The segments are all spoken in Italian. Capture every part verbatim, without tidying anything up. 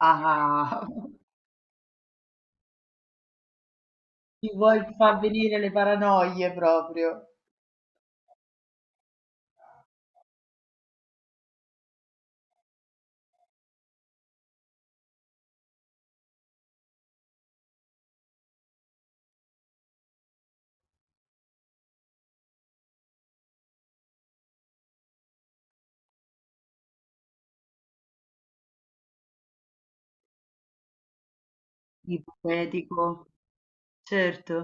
Ah, ti vuoi far venire le paranoie proprio. Ipotetico, certo.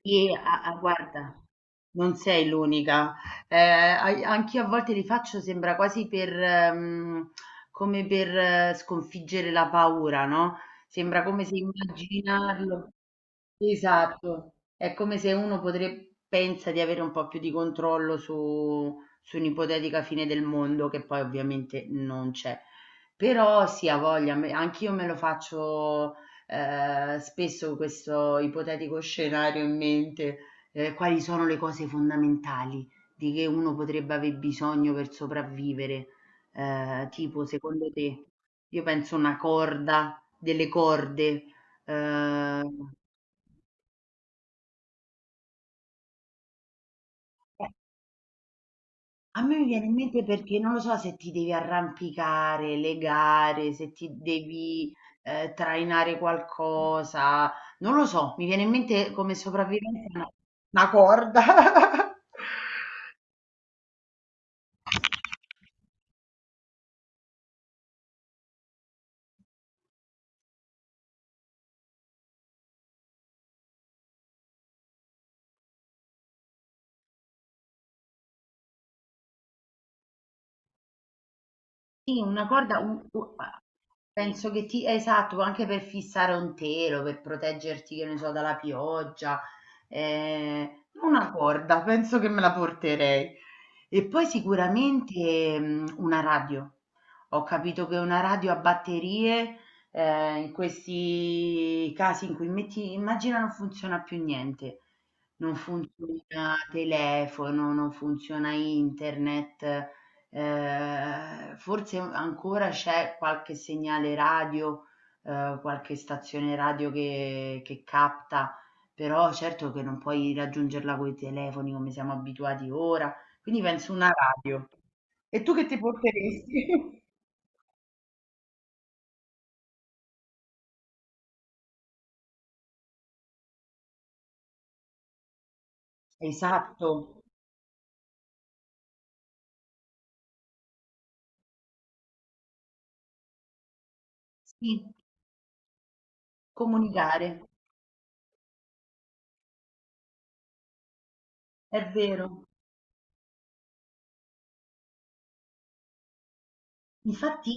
Sì, a a guarda, non sei l'unica. Eh, a- anch'io a volte li faccio, sembra quasi per, ehm, come per eh, sconfiggere la paura, no? Sembra come se immaginarlo. Esatto, è come se uno potrebbe, pensa di avere un po' più di controllo su, su un'ipotetica fine del mondo, che poi ovviamente non c'è. Però sì, ha voglia, me- anch'io me lo faccio ehm, spesso questo ipotetico scenario in mente, ehm, quali sono le cose fondamentali di che uno potrebbe aver bisogno per sopravvivere. Ehm, tipo secondo te, io penso una corda, delle corde, ehm A me mi viene in mente perché non lo so se ti devi arrampicare, legare, se ti devi eh, trainare qualcosa, non lo so, mi viene in mente come sopravvivenza una, una corda. Sì, una corda un u a penso che ti esatto, anche per fissare un telo, per proteggerti, che ne so, dalla pioggia, ehm, una corda, penso che me la porterei. E poi sicuramente, mhmm, una radio. Ho capito che una radio a batterie, ehm, in questi casi in cui metti immagina non funziona più niente, non funziona telefono, non funziona internet. Ehm, forse ancora c'è qualche segnale radio, ehm, qualche stazione radio che che capta, però certo che non puoi raggiungerla coi telefoni come siamo abituati ora, quindi penso una radio. E tu che ti porteresti? Esatto, sì, comunicare, è vero. Infatti.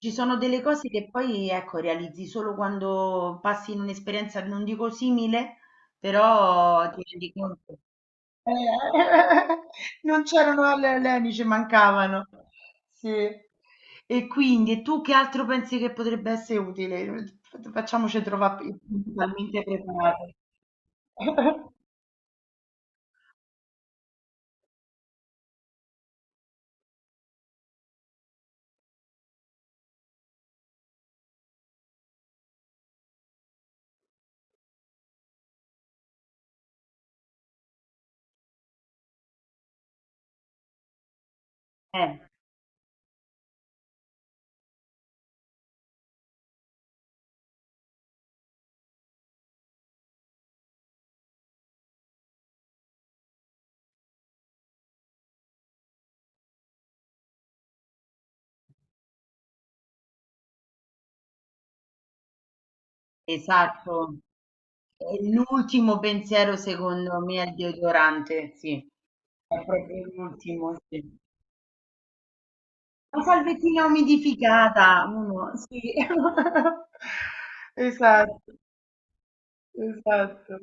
Ci sono delle cose che poi, ecco, realizzi solo quando passi in un'esperienza, non dico simile, però ti rendi conto. Eh, non c'erano le leni, ci mancavano. Sì. E quindi, e tu che altro pensi che potrebbe essere utile? Facciamoci trovare totalmente preparati. Eh. Esatto. E l'ultimo pensiero secondo me è il deodorante, sì. È proprio l'ultimo, sì. La salviettina umidificata, uno, sì. Esatto, esatto.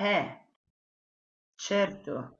Eh, certo.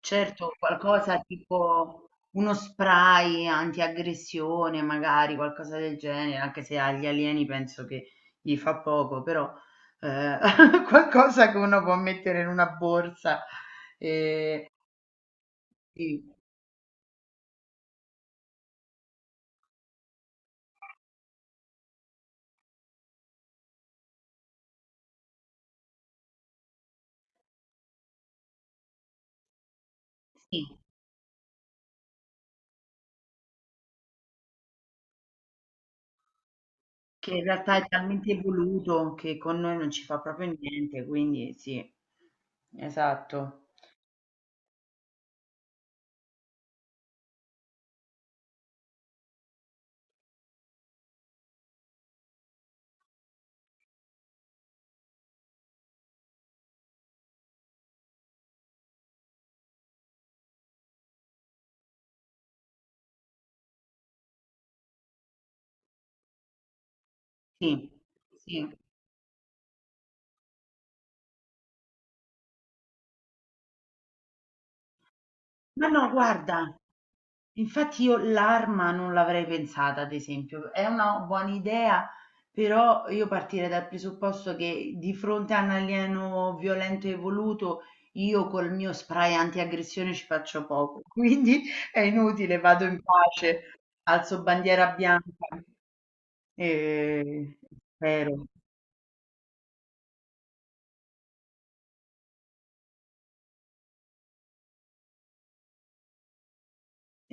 Certo, qualcosa tipo uno spray antiaggressione, magari qualcosa del genere, anche se agli alieni penso che gli fa poco, però eh, qualcosa che uno può mettere in una borsa. eh, sì, sì, che in realtà è talmente evoluto che con noi non ci fa proprio niente, quindi sì, esatto. Sì, sì. Ma no, guarda. Infatti io l'arma non l'avrei pensata, ad esempio. È una buona idea, però io partirei dal presupposto che di fronte a un alieno violento e voluto, io col mio spray antiaggressione ci faccio poco. Quindi è inutile, vado in pace, alzo bandiera bianca e spero.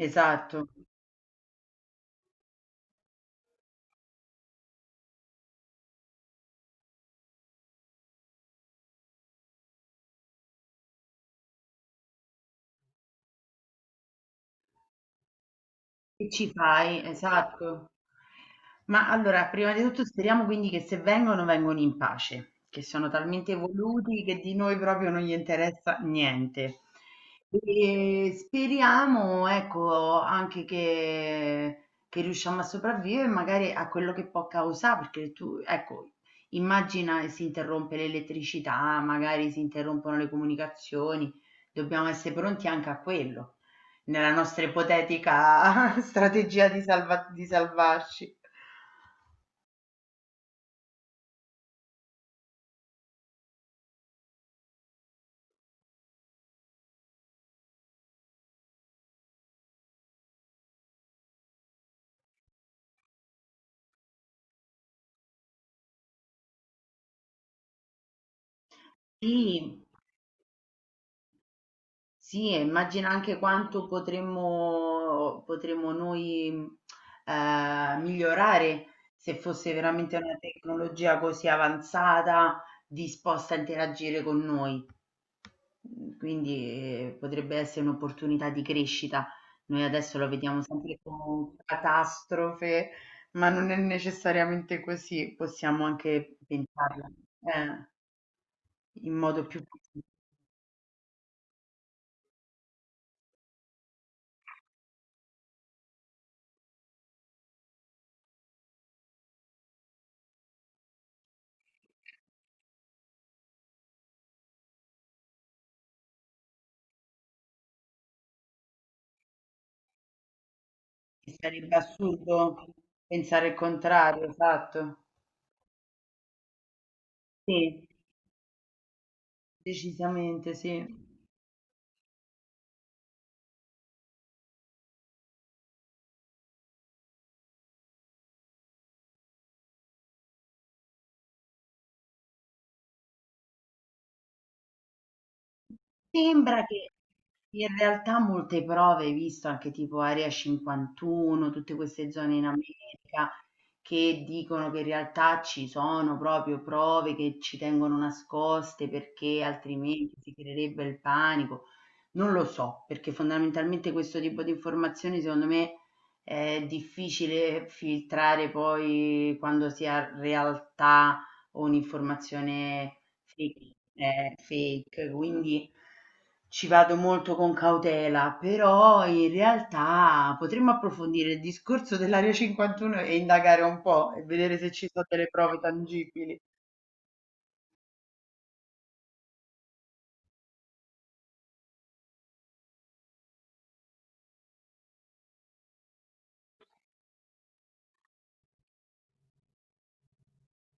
Esatto. Che ci fai? Esatto. Ma allora, prima di tutto speriamo quindi che se vengono, vengono in pace, che sono talmente evoluti che di noi proprio non gli interessa niente. E speriamo, ecco, anche che, che riusciamo a sopravvivere magari a quello che può causare, perché tu, ecco, immagina che si interrompe l'elettricità, magari si interrompono le comunicazioni, dobbiamo essere pronti anche a quello. Nella nostra ipotetica strategia di salva- di salvarci. Sì, sì, e immagina anche quanto potremmo, potremmo noi eh, migliorare se fosse veramente una tecnologia così avanzata, disposta a interagire con noi. Mhmm, quindi, ehm, potrebbe essere un'opportunità di crescita. Noi adesso lo vediamo sempre con catastrofe, ma non è necessariamente così, possiamo anche pensarla eh, in modo più che sarebbe assurdo pensare il contrario, esatto. Sì, decisamente sì. Sembra che in realtà molte prove, hai visto anche tipo Area cinquantuno, tutte queste zone in America che dicono che in realtà ci sono proprio prove che ci tengono nascoste perché altrimenti si creerebbe il panico. Non lo so, perché fondamentalmente questo tipo di informazioni secondo me è difficile filtrare poi quando si ha realtà o un'informazione fake, eh, fake, quindi ci vado molto con cautela, però in realtà potremmo approfondire il discorso dell'Area cinquantuno e indagare un po' e vedere se ci sono delle prove tangibili.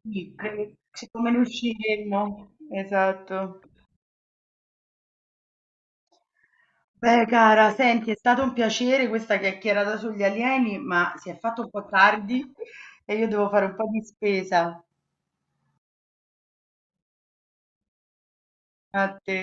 Sì, che- se come ne usciremmo? Esatto. Beh, cara, senti, è stato un piacere questa chiacchierata sugli alieni, ma si è fatto un po' tardi e io devo fare un po' di spesa. A te.